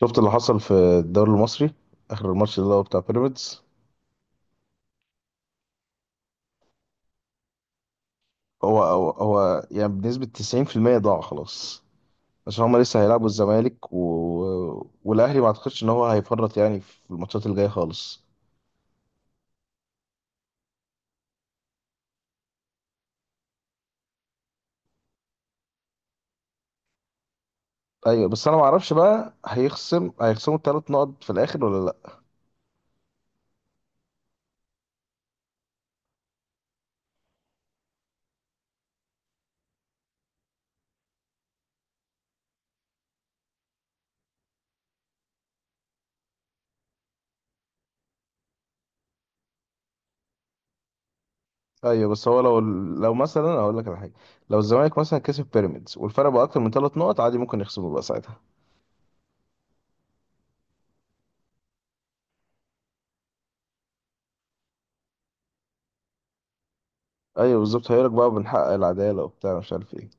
شفت اللي حصل في الدوري المصري، اخر الماتش اللي هو بتاع بيراميدز. هو يعني بنسبة 90% ضاع خلاص، عشان هما لسه هيلعبوا الزمالك والاهلي ما اعتقدش ان هو هيفرط يعني في الماتشات الجاية خالص. ايوه بس انا ما اعرفش بقى هيخصموا الثلاث نقط في الاخر ولا لا. ايوه بس هو لو مثلا هقول لك على حاجه، لو الزمالك مثلا كسب بيراميدز والفرق بقى اكتر من ثلاث نقط عادي ممكن يخصموا بقى ساعتها. ايوه بالظبط، هيقول لك بقى بنحقق العداله وبتاع مش عارف ايه.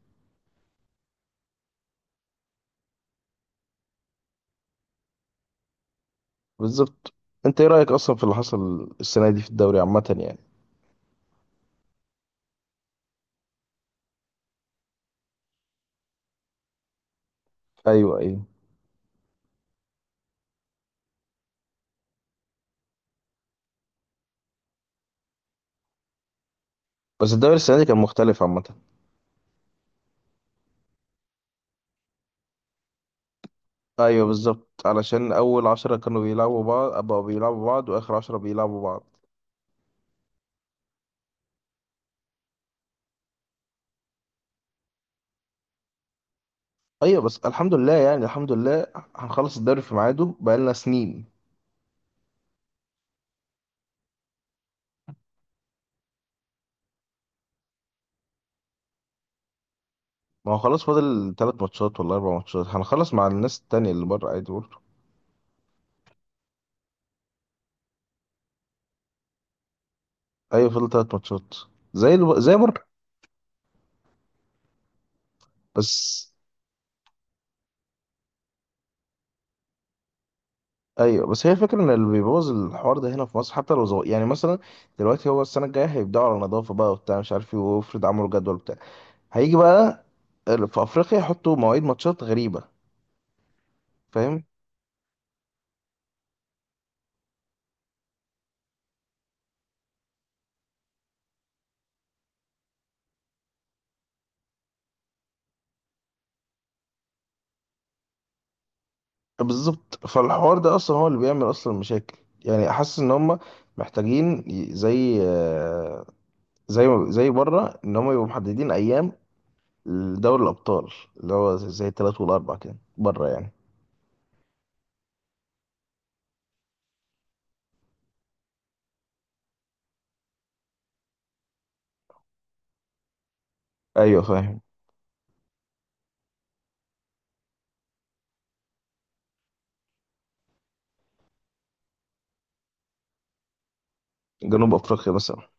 بالظبط. انت ايه رأيك اصلا في اللي حصل السنة دي في الدوري عامة يعني؟ ايوه ايوه، بس الدوري السنة دي كان مختلف عامة. ايوه بالظبط، علشان اول عشرة كانوا بيلعبوا بعض، بقوا بيلعبوا بعض، واخر عشرة بيلعبوا بعض. ايوه بس الحمد لله يعني الحمد لله، هنخلص الدوري في ميعاده بقالنا سنين. ما هو خلاص فاضل تلات ماتشات ولا اربع ماتشات، هنخلص مع الناس التانية اللي بره عادي برضه. ايوه فاضل تلات ماتشات، زي زي بره. بس. ايوه بس هي فكرة ان اللي بيبوظ الحوار ده هنا في مصر حتى لو صغير، يعني مثلا دلوقتي هو السنه الجايه هيبداوا على نظافه بقى وبتاع مش عارف ايه، وافرض عملوا جدول بتاع، هيجي بقى في افريقيا يحطوا مواعيد ماتشات غريبه. فاهم؟ بالظبط، فالحوار ده اصلا هو اللي بيعمل اصلا مشاكل، يعني حاسس ان هم محتاجين ي- زي آه، زي زي بره، ان هم يبقوا محددين ايام لدوري الابطال، اللي هو زي الثلاث والاربع كده بره يعني. ايوه فاهم. جنوب افريقيا مثلا.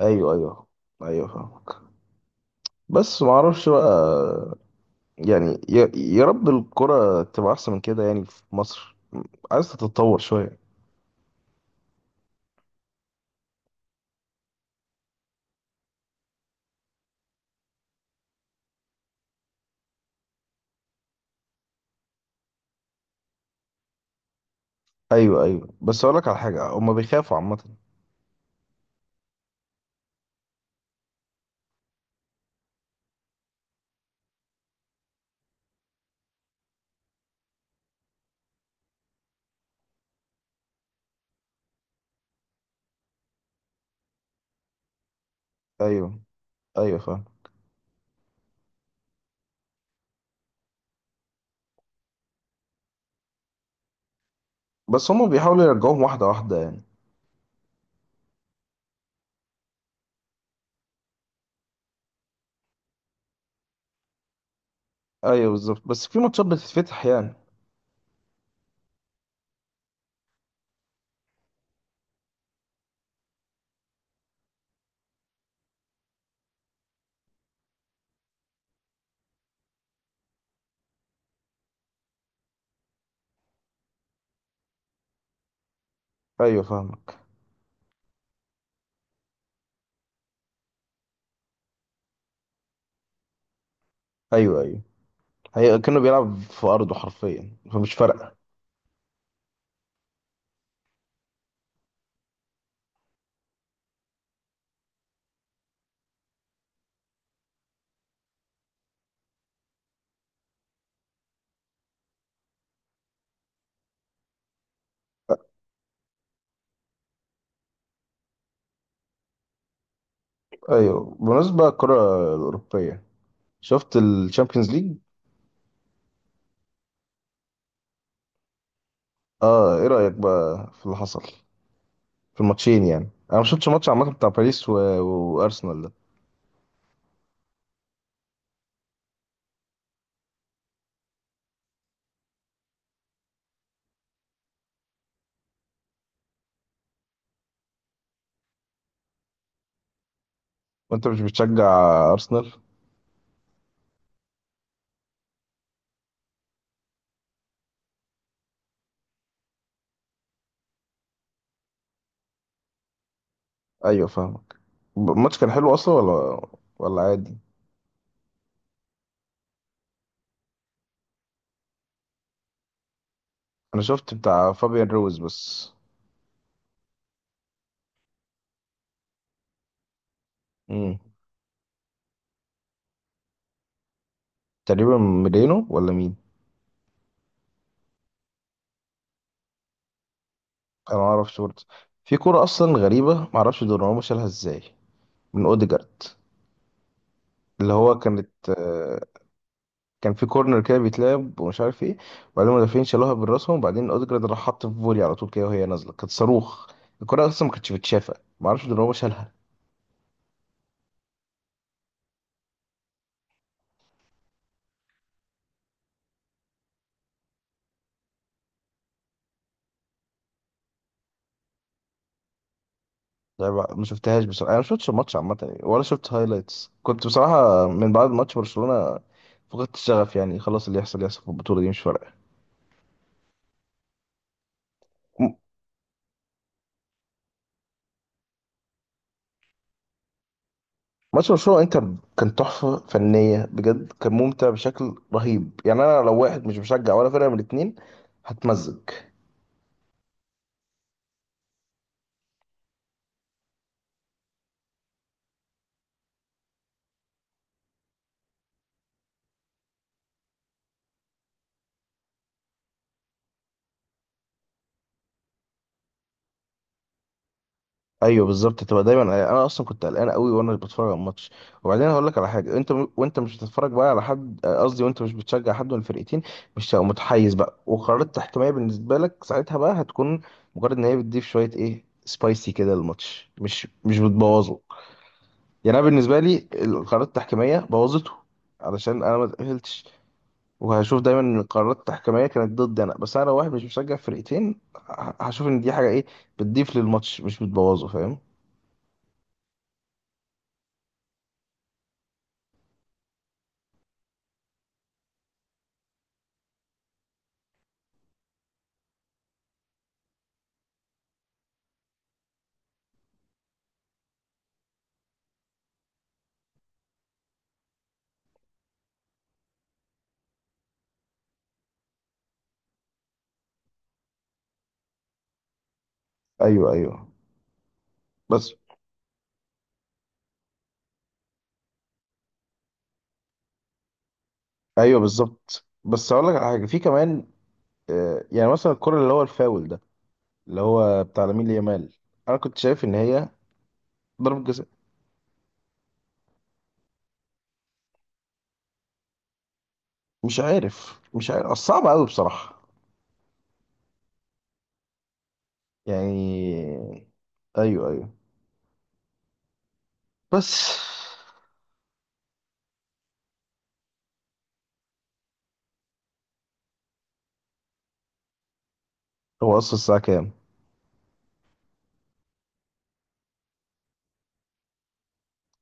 ايوه ايوه. ايوه فاهم بس ما اعرفش بقى، يعني يا رب الكرة تبقى احسن من كده يعني في مصر، عايز تتطور شوية. ايوه ايوه، بس اقول لك على حاجة، هما بيخافوا عامة. ايوه ايوه فاهم. بس هما بيحاولوا يرجعوهم واحدة واحدة يعني. ايوه بالظبط، بس في ماتشات بتتفتح يعني. ايوه فاهمك. ايوه ايوه، هي كأنه بيلعب في ارضه حرفيا فمش فارقة. ايوه بالنسبة للكرة الأوروبية، شفت الشامبيونز ليج؟ اه ايه رأيك بقى في اللي حصل في الماتشين يعني؟ انا ما شفتش ماتش عامه بتاع باريس وارسنال ده. وانت مش بتشجع ارسنال؟ ايوه فاهمك. الماتش كان حلو اصلا ولا عادي؟ انا شفت بتاع فابيان روز بس. امم تقريبا ميلينو ولا مين؟ انا ما اعرفش برضه. في كوره اصلا غريبه، ما اعرفش دوناروما شالها ازاي من اوديجارد، اللي هو كان في كورنر كده بيتلعب ومش عارف ايه، وبعدين المدافعين شالوها من راسهم، وبعدين اوديجارد راح حط في فولي على طول كده وهي نازله كانت صاروخ. الكره اصلا ما كانتش بتشافى، ما اعرفش ان هو شالها. لعبة ما شفتهاش بصراحه، انا ما شفتش الماتش عامه يعني، ولا شفت هايلايتس، كنت بصراحه من بعد ماتش برشلونه فقدت الشغف يعني، خلاص اللي يحصل يحصل في البطوله دي مش فارقه. م- ماتش برشلونه انتر كان تحفه فنيه بجد، كان ممتع بشكل رهيب يعني، انا لو واحد مش مشجع ولا فرقه من الاتنين هتمزج. ايوه بالظبط، تبقى دايما يعني انا اصلا كنت قلقان قوي وانا بتفرج على الماتش، وبعدين هقول لك على حاجه، انت وانت مش بتتفرج بقى على حد، قصدي وانت مش بتشجع حد من الفرقتين، مش هتبقى متحيز بقى، وقرارات تحكيميه بالنسبه لك ساعتها بقى هتكون مجرد ان هي بتضيف شويه ايه سبايسي كده للماتش، مش بتبوظه. يعني انا بالنسبه لي القرارات التحكيميه بوظته، علشان انا ما تاهلتش، وهشوف دايما ان القرارات التحكيميه كانت ضدي انا، بس انا لو واحد مش مشجع فرقتين هشوف ان دي حاجه ايه بتضيف للماتش مش بتبوظه. فاهم؟ ايوه ايوه بس. ايوه بالظبط، بس اقول لك على حاجه في كمان، يعني مثلا الكره اللي هو الفاول ده اللي هو بتاع لامين يامال، انا كنت شايف ان هي ضربه جزاء. مش عارف مش عارف أصل صعب قوي بصراحه يعني. ايوه ايوه بس. هو اصلا الساعه كام؟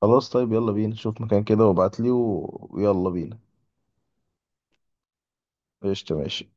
خلاص طيب، يلا بينا، شوف مكان كده وابعت لي ويلا بينا. قشطة ماشي.